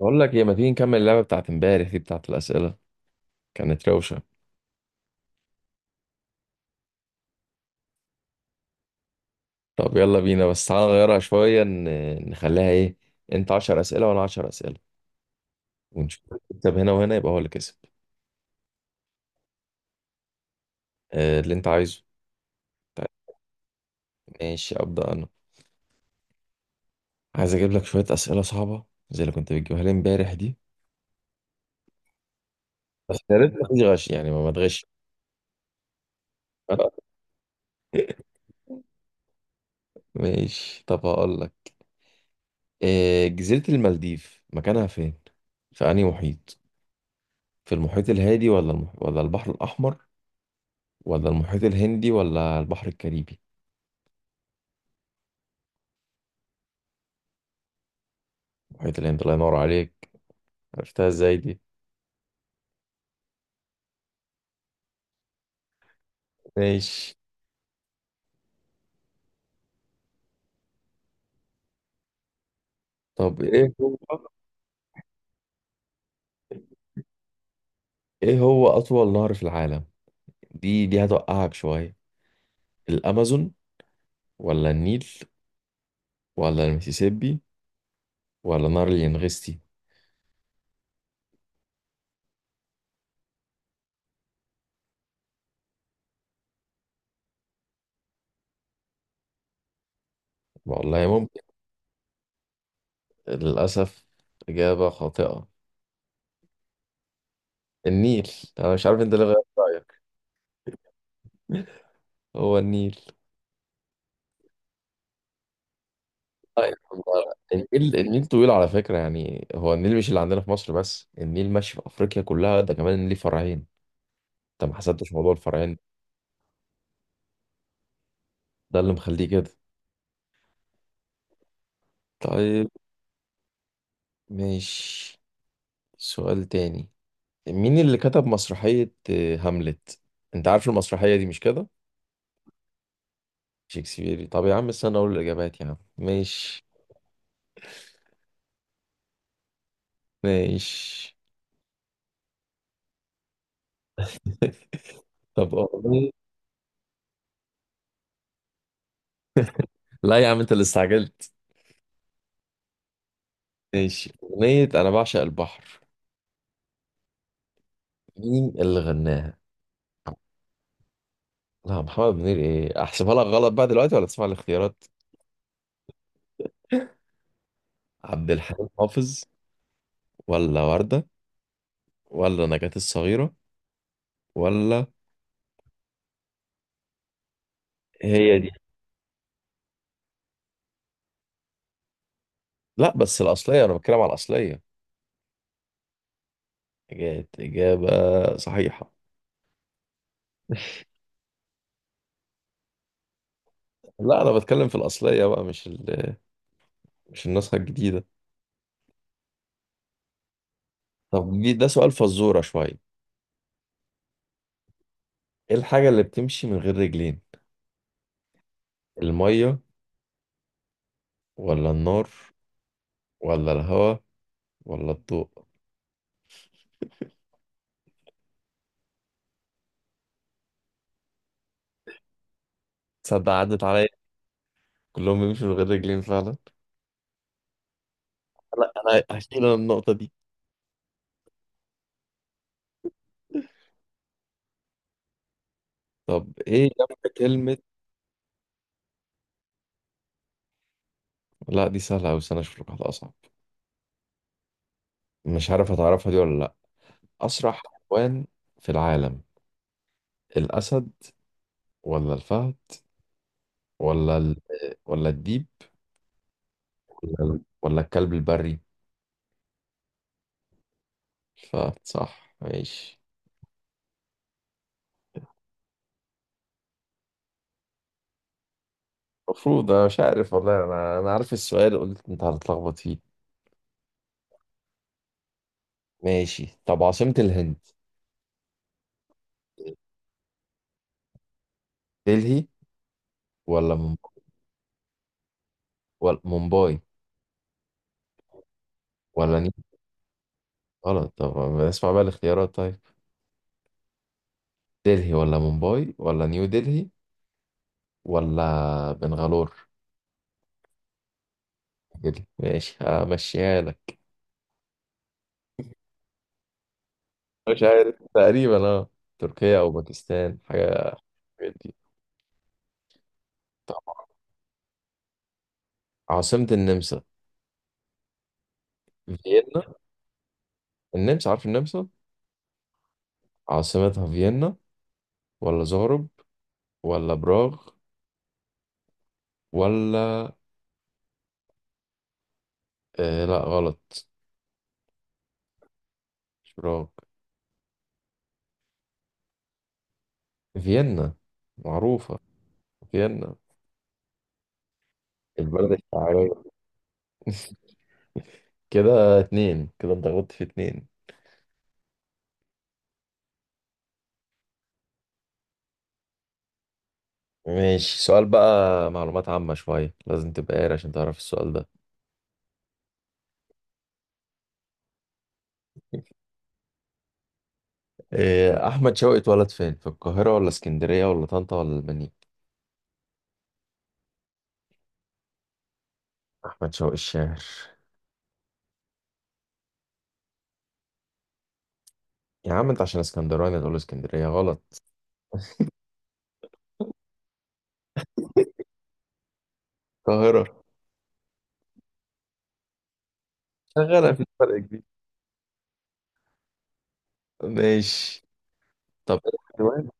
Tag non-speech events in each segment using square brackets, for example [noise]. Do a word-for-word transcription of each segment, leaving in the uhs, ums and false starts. بقول لك ايه، ما تيجي نكمل اللعبه بتاعت امبارح دي بتاعت الاسئله؟ كانت روشه. طب يلا بينا، بس تعالى نغيرها شويه، ن- نخليها ايه، انت عشر اسئله وانا عشر اسئله، ونشوف اللي يكسب هنا، وهنا يبقى هو اللي كسب. آه، اللي انت عايزه. طيب، ماشي ابدا انا. عايز اجيب لك شويه اسئله صعبه زي اللي كنت بتجيبها لي امبارح دي. بس يا ريت ما فيش غش، يعني ما ما تغش. [laughs] ماشي، طب هقول لك. آه، جزيره المالديف مكانها فين؟ في انهي محيط؟ في المحيط الهادي ولا المح... ولا البحر الاحمر، ولا المحيط الهندي، ولا البحر الكاريبي؟ المحيط الهندي، الله ينور عليك. عرفتها ازاي دي؟ ماشي. طب ايه هو، ايه هو اطول نهر في العالم؟ دي دي هتوقعك شوية. الامازون، ولا النيل، ولا المسيسيبي، ولا نهر الينغستي؟ والله ممكن. للاسف، اجابة خاطئة. النيل. انا مش عارف انت ليه غيرت رايك. [laughs] هو النيل. طيب، هو النيل، النيل طويل على فكرة، يعني هو النيل مش اللي عندنا في مصر بس، النيل ماشي في أفريقيا كلها، ده كمان ليه فرعين. انت ما حسبتش موضوع الفرعين، ده اللي مخليه كده. طيب. ماشي، سؤال تاني. مين اللي كتب مسرحية آه، هاملت؟ انت عارف المسرحية دي مش كده. شكسبيري؟ طب يا عم استنى اقول الاجابات يا عم. ماشي. ماشي. [laughs] طب أغنية، لا يا عم انت اللي استعجلت. ماشي، أغنية أنا بعشق البحر، مين اللي غناها؟ لا، محمد منير إيه؟ أحسبها لك غلط بقى دلوقتي ولا تسمع الاختيارات؟ عبد الحليم حافظ، ولا وردة، ولا نجاة الصغيرة، ولا؟ هي دي. لا بس الأصلية، أنا بتكلم على الأصلية. كانت إجابة صحيحة. لا أنا بتكلم في الأصلية بقى، مش ال... مش النسخة الجديدة. طب دي- ده سؤال فزورة شوية. إيه الحاجة اللي بتمشي من غير رجلين؟ المية، ولا النار، ولا الهواء، ولا الضوء؟ تصدق عدت عليا، كلهم بيمشوا من غير رجلين فعلا. لا أنا هشيل أنا النقطة دي. طب إيه جنب كلمة؟ لا دي سهلة أوي، استنى أشوف لك واحدة أصعب. مش عارف هتعرفها دي ولا لأ. أسرع حيوان في العالم، الأسد، ولا الفهد، ولا ال... ولا الديب، ولا ال- ولا الكلب البري؟ الفهد صح، ماشي. المفروض انا مش عارف والله، انا انا عارف السؤال قلت انت هتتلخبط فيه. ماشي. طب عاصمة الهند، دلهي، ولا مم... ولا مومباي، ولا نيو؟ غلط، طب اسمع بقى الاختيارات طيب. دلهي، ولا مومباي، ولا نيو دلهي، ولا بنغالور؟ كده ماشي، همشيها لك. مش عارف تقريبا، اه تركيا او باكستان، حاجة من الحاجات دي. طب عاصمة النمسا، فيينا؟ النمسا، عارف النمسا؟ عاصمتها فيينا، ولا زغرب، ولا براغ، ولا؟ آه لا غلط، مش براغ. فيينا، معروفة. فيينا. البلد الشعبية. كده اتنين، كده انت غلطت في اتنين. ماشي، سؤال بقى معلومات عامة شوية، لازم تبقى قاري عشان تعرف السؤال ده. آه، أحمد شوقي اتولد فين؟ في القاهرة، ولا اسكندرية، ولا طنطا، ولا المنيا؟ أحمد شوقي الشاعر. يا عم أنت عشان اسكندراني تقول اسكندرية، غلط. القاهرة. شغالة في فرق كبير. ماشي. طب ايه الحيوان،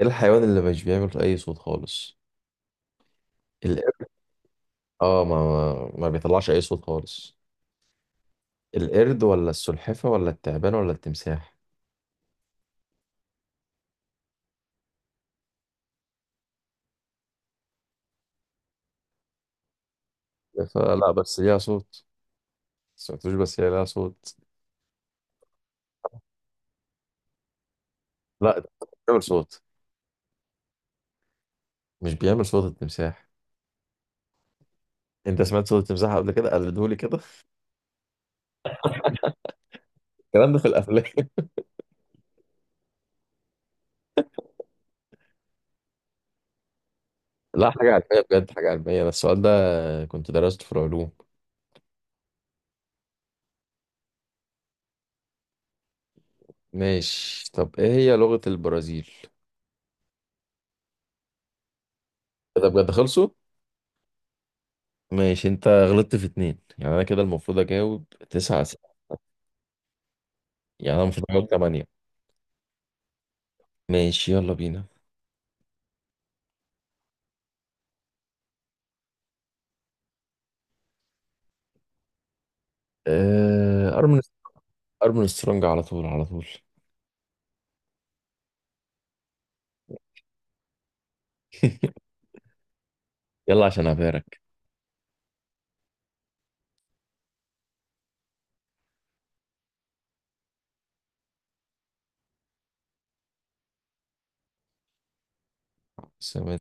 ايه الحيوان اللي مش بيعمل اي صوت خالص؟ القرد؟ اه، ما ما ما بيطلعش اي صوت خالص. القرد، ولا السلحفة، ولا التعبان، ولا التمساح؟ السلحفة لا، بس ليها صوت. سمعتوش بس هي ليها صوت. لا ده بيعمل صوت. مش بيعمل صوت التمساح؟ انت سمعت صوت التمساح قبل كده؟ قلدهولي كده. [laughs] الكلام ده في الافلام. [laughs] لا، حاجة علمية بجد، حاجة علمية ده السؤال ده، كنت درسته في العلوم. ماشي. طب ايه هي لغة البرازيل؟ إيه ده بجد خلصوا؟ ماشي، انت غلطت في اتنين يعني انا كده المفروض اجاوب تسعة اسئله، يعني انا المفروض اجاوب تمانية. ماشي يلا بينا. آه، ارمن، ارمن سترونج، على طول على طول. [laughs] يلا عشان ابارك. بس انا،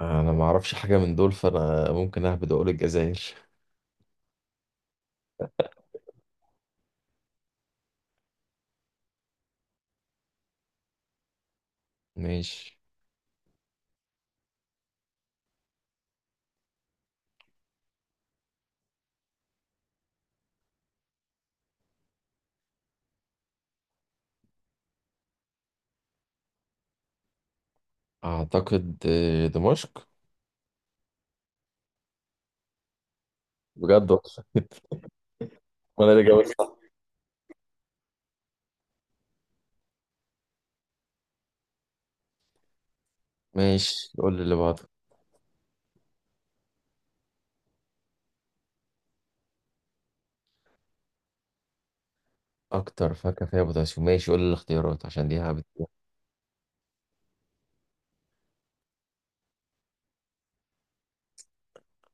أنا ما اعرفش حاجه من دول، فانا ممكن اهبد، اقول الجزائر. ماشي. اعتقد آه، دمشق. بجد والله. [laughs] انا اللي جاوبت صح. ماشي قول لي اللي بعده. اكتر فاكهه فيها بوتاسيوم، ماشي قول لي الاختيارات عشان دي هبد.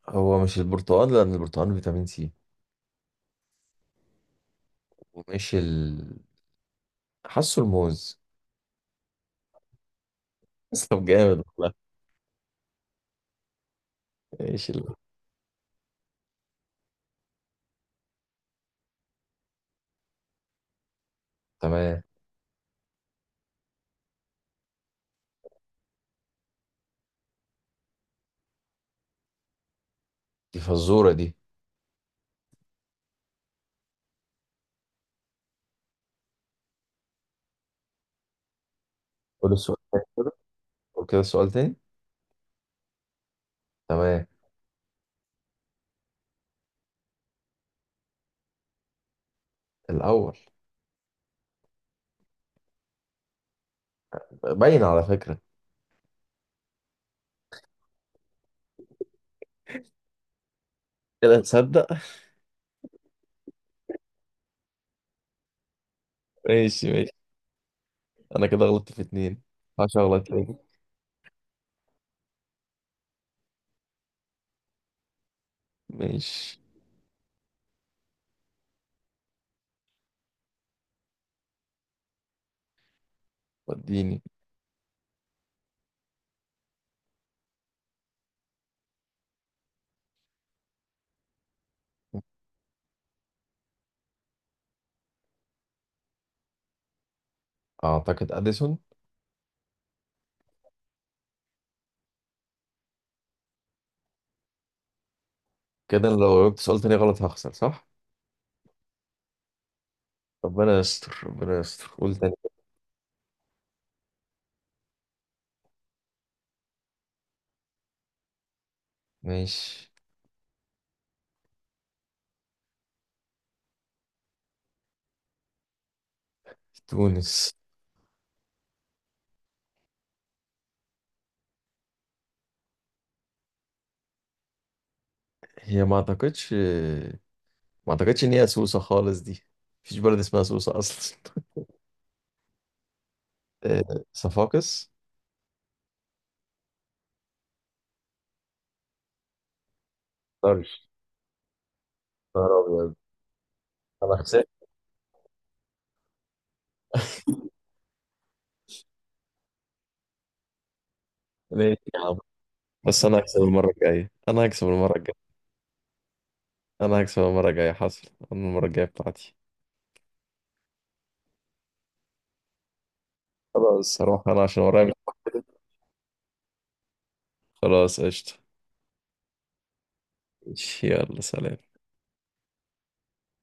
هو مش البرتقال، لان البرتقال فيتامين سي، ومش ال... حاسه الموز. بس طب جامد والله. ايش ال... تمام. دي فزورة دي؟ قول السؤال تاني كده. قول كده السؤال تاني. تمام. الأول. باين على فكرة. كده تصدق. ماشي ماشي. أنا كده غلطت في اتنين. هشغلك تاني. ماشي، وديني. أعتقد أديسون. كده أنا لو جبت سؤال تاني غلط هخسر صح؟ ربنا يستر، ربنا يستر، قول تاني. ماشي. تونس. هي ما أعتقدش، ما أعتقدش إن هي سوسة خالص دي، مفيش بلد اسمها سوسة أصلا. [laughs] آه، صفاقس. اقدرش. نهار ابيض. انا هكسب. ماشي يا عم، بس انا هكسب المره الجايه، انا هكسب المره الجايه انا هكسب المره الجايه حصل. انا المره الجايه بتاعتي. خلاص هروح انا عشان ورايا مشوار كده. خلاص قشطه. ماشي، يلا سلام.